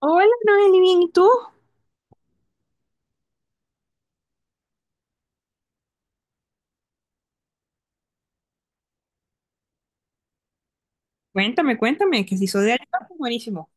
Hola, Noeli, bien, ¿y tú? Cuéntame, cuéntame, que si soy de Alicante, buenísimo.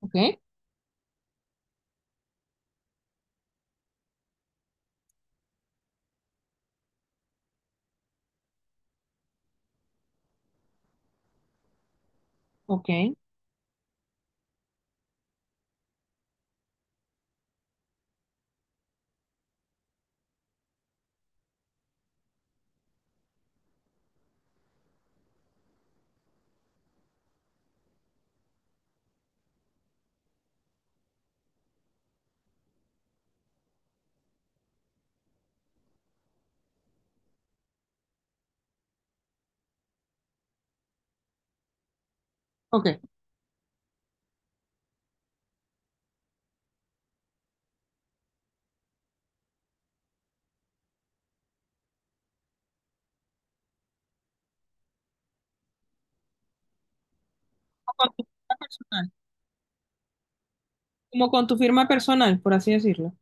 Ok, ok, ok. Como con tu firma personal, como con tu firma personal, por así decirlo.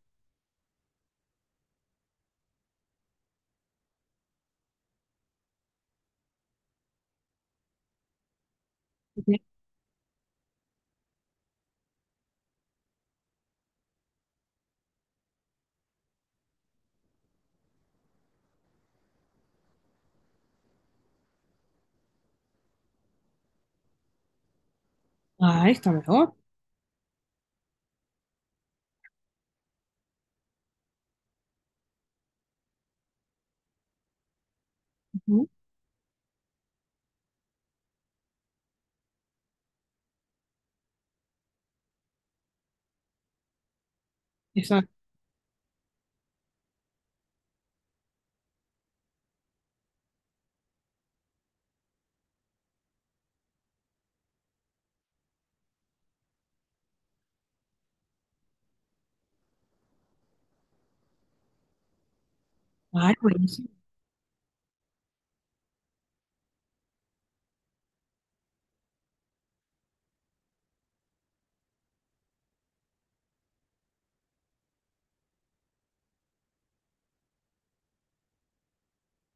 Ok. Ah, está mejor. Ujú. Exacto. Ah, buenísimo.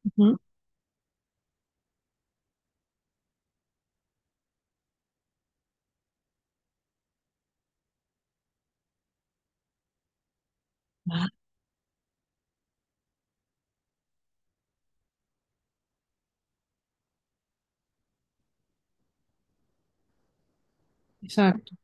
Ujú. Ah, exacto,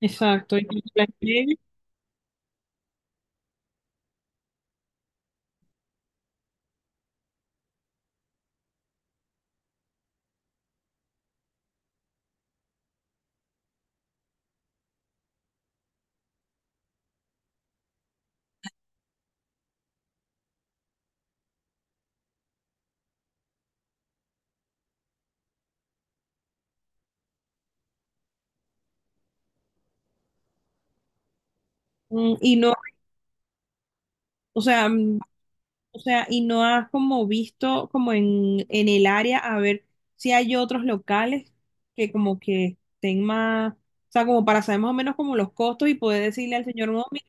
exacto. Y, mm, y no, o sea, o sea, y no has como visto como en el área a ver si hay otros locales que como que estén más, o sea, como para saber más o menos como los costos y poder decirle al señor, no, mira,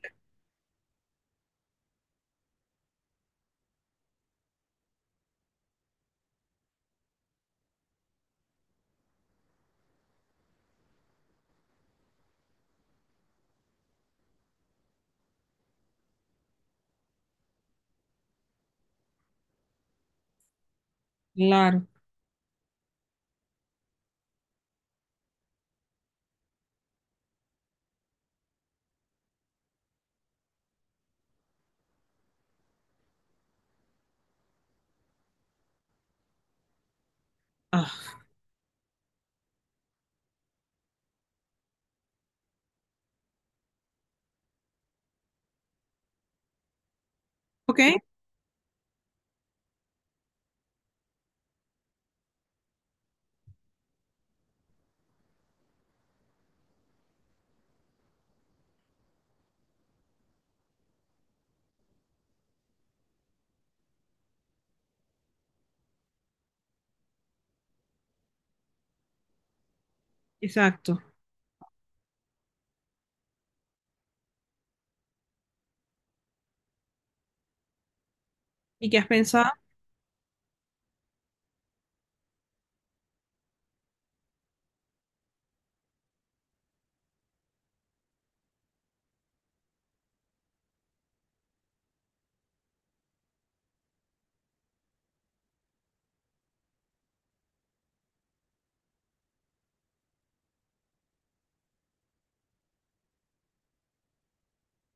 claro. Ah, ok, exacto. ¿Y qué has pensado?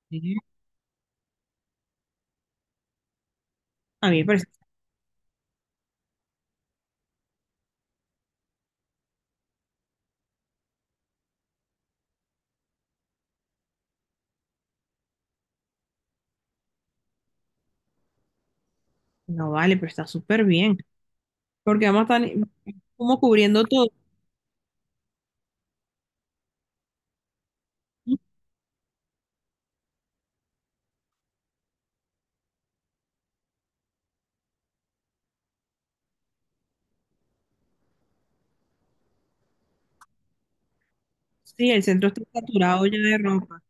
Sí. A mí me parece, no vale, pero está súper bien, porque vamos a estar como cubriendo todo. Sí, el centro está saturado ya de ropa.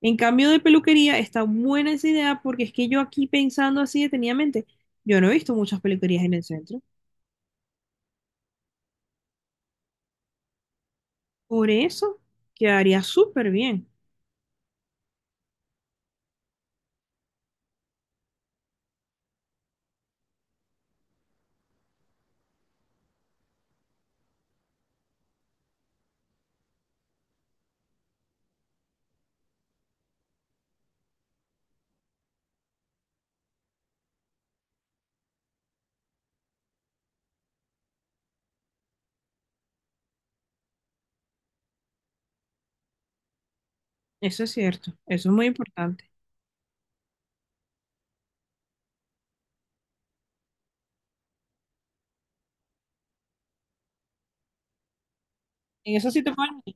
En cambio de peluquería, está buena esa idea porque es que yo aquí pensando así detenidamente, yo no he visto muchas peluquerías en el centro. Por eso quedaría súper bien. Eso es cierto, eso es muy importante. En eso sí te puedo ayudar.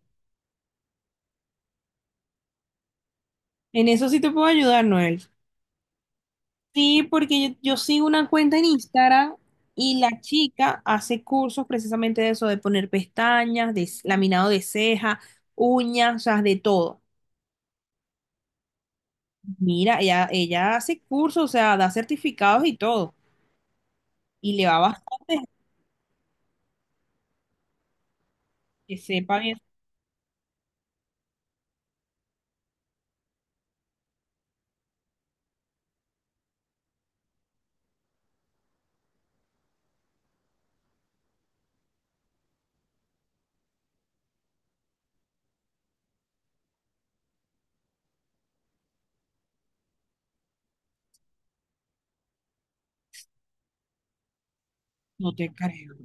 En eso sí te puedo ayudar, Noel. Sí, porque yo sigo una cuenta en Instagram y la chica hace cursos precisamente de eso, de poner pestañas, de laminado de ceja, uñas, o sea, de todo. Mira, ella hace cursos, o sea, da certificados y todo y le va. Que sepan eso, no te creo.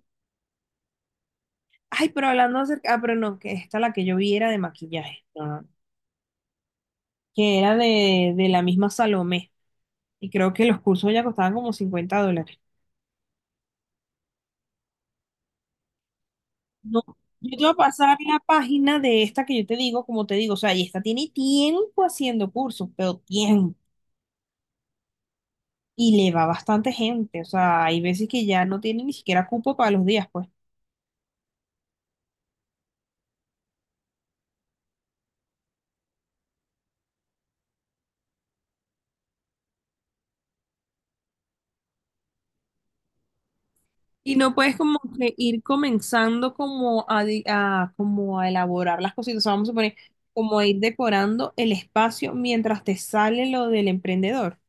Ay, pero hablando acerca, ah, pero no, que esta la que yo vi era de maquillaje, no, no, que era de la misma Salomé. Y creo que los cursos ya costaban como $50. No, yo te voy a pasar la página de esta que yo te digo, como te digo, o sea, y esta tiene tiempo haciendo cursos, pero tiempo. Y le va bastante gente, o sea, hay veces que ya no tiene ni siquiera cupo para los días, pues. Y no puedes como que ir comenzando como a, como a elaborar las cositas, o sea, vamos a poner como a ir decorando el espacio mientras te sale lo del emprendedor.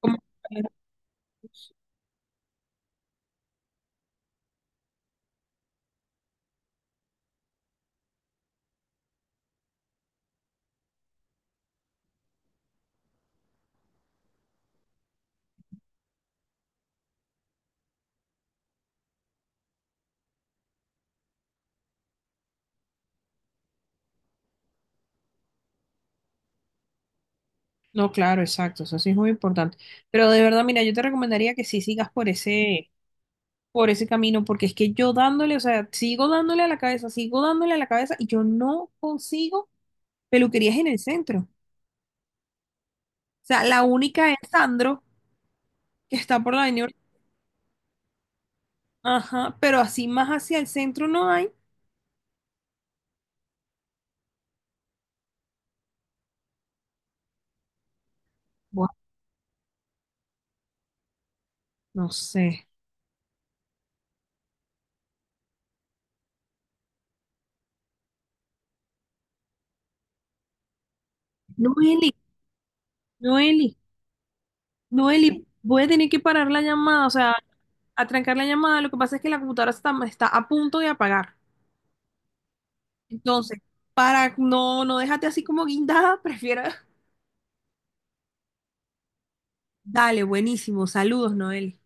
Como... No, claro, exacto, eso sí es muy importante. Pero de verdad, mira, yo te recomendaría que sí sigas por ese camino, porque es que yo dándole, o sea, sigo dándole a la cabeza, sigo dándole a la cabeza y yo no consigo peluquerías en el centro. O sea, la única es Sandro, que está por la avenida. Ajá, pero así más hacia el centro no hay. Buah, no sé. Noeli, Noeli, Noeli, voy a tener que parar la llamada, o sea, atrancar la llamada. Lo que pasa es que la computadora está, está a punto de apagar. Entonces, para no, no dejarte así como guindada, prefiero. Dale, buenísimo. Saludos, Noeli.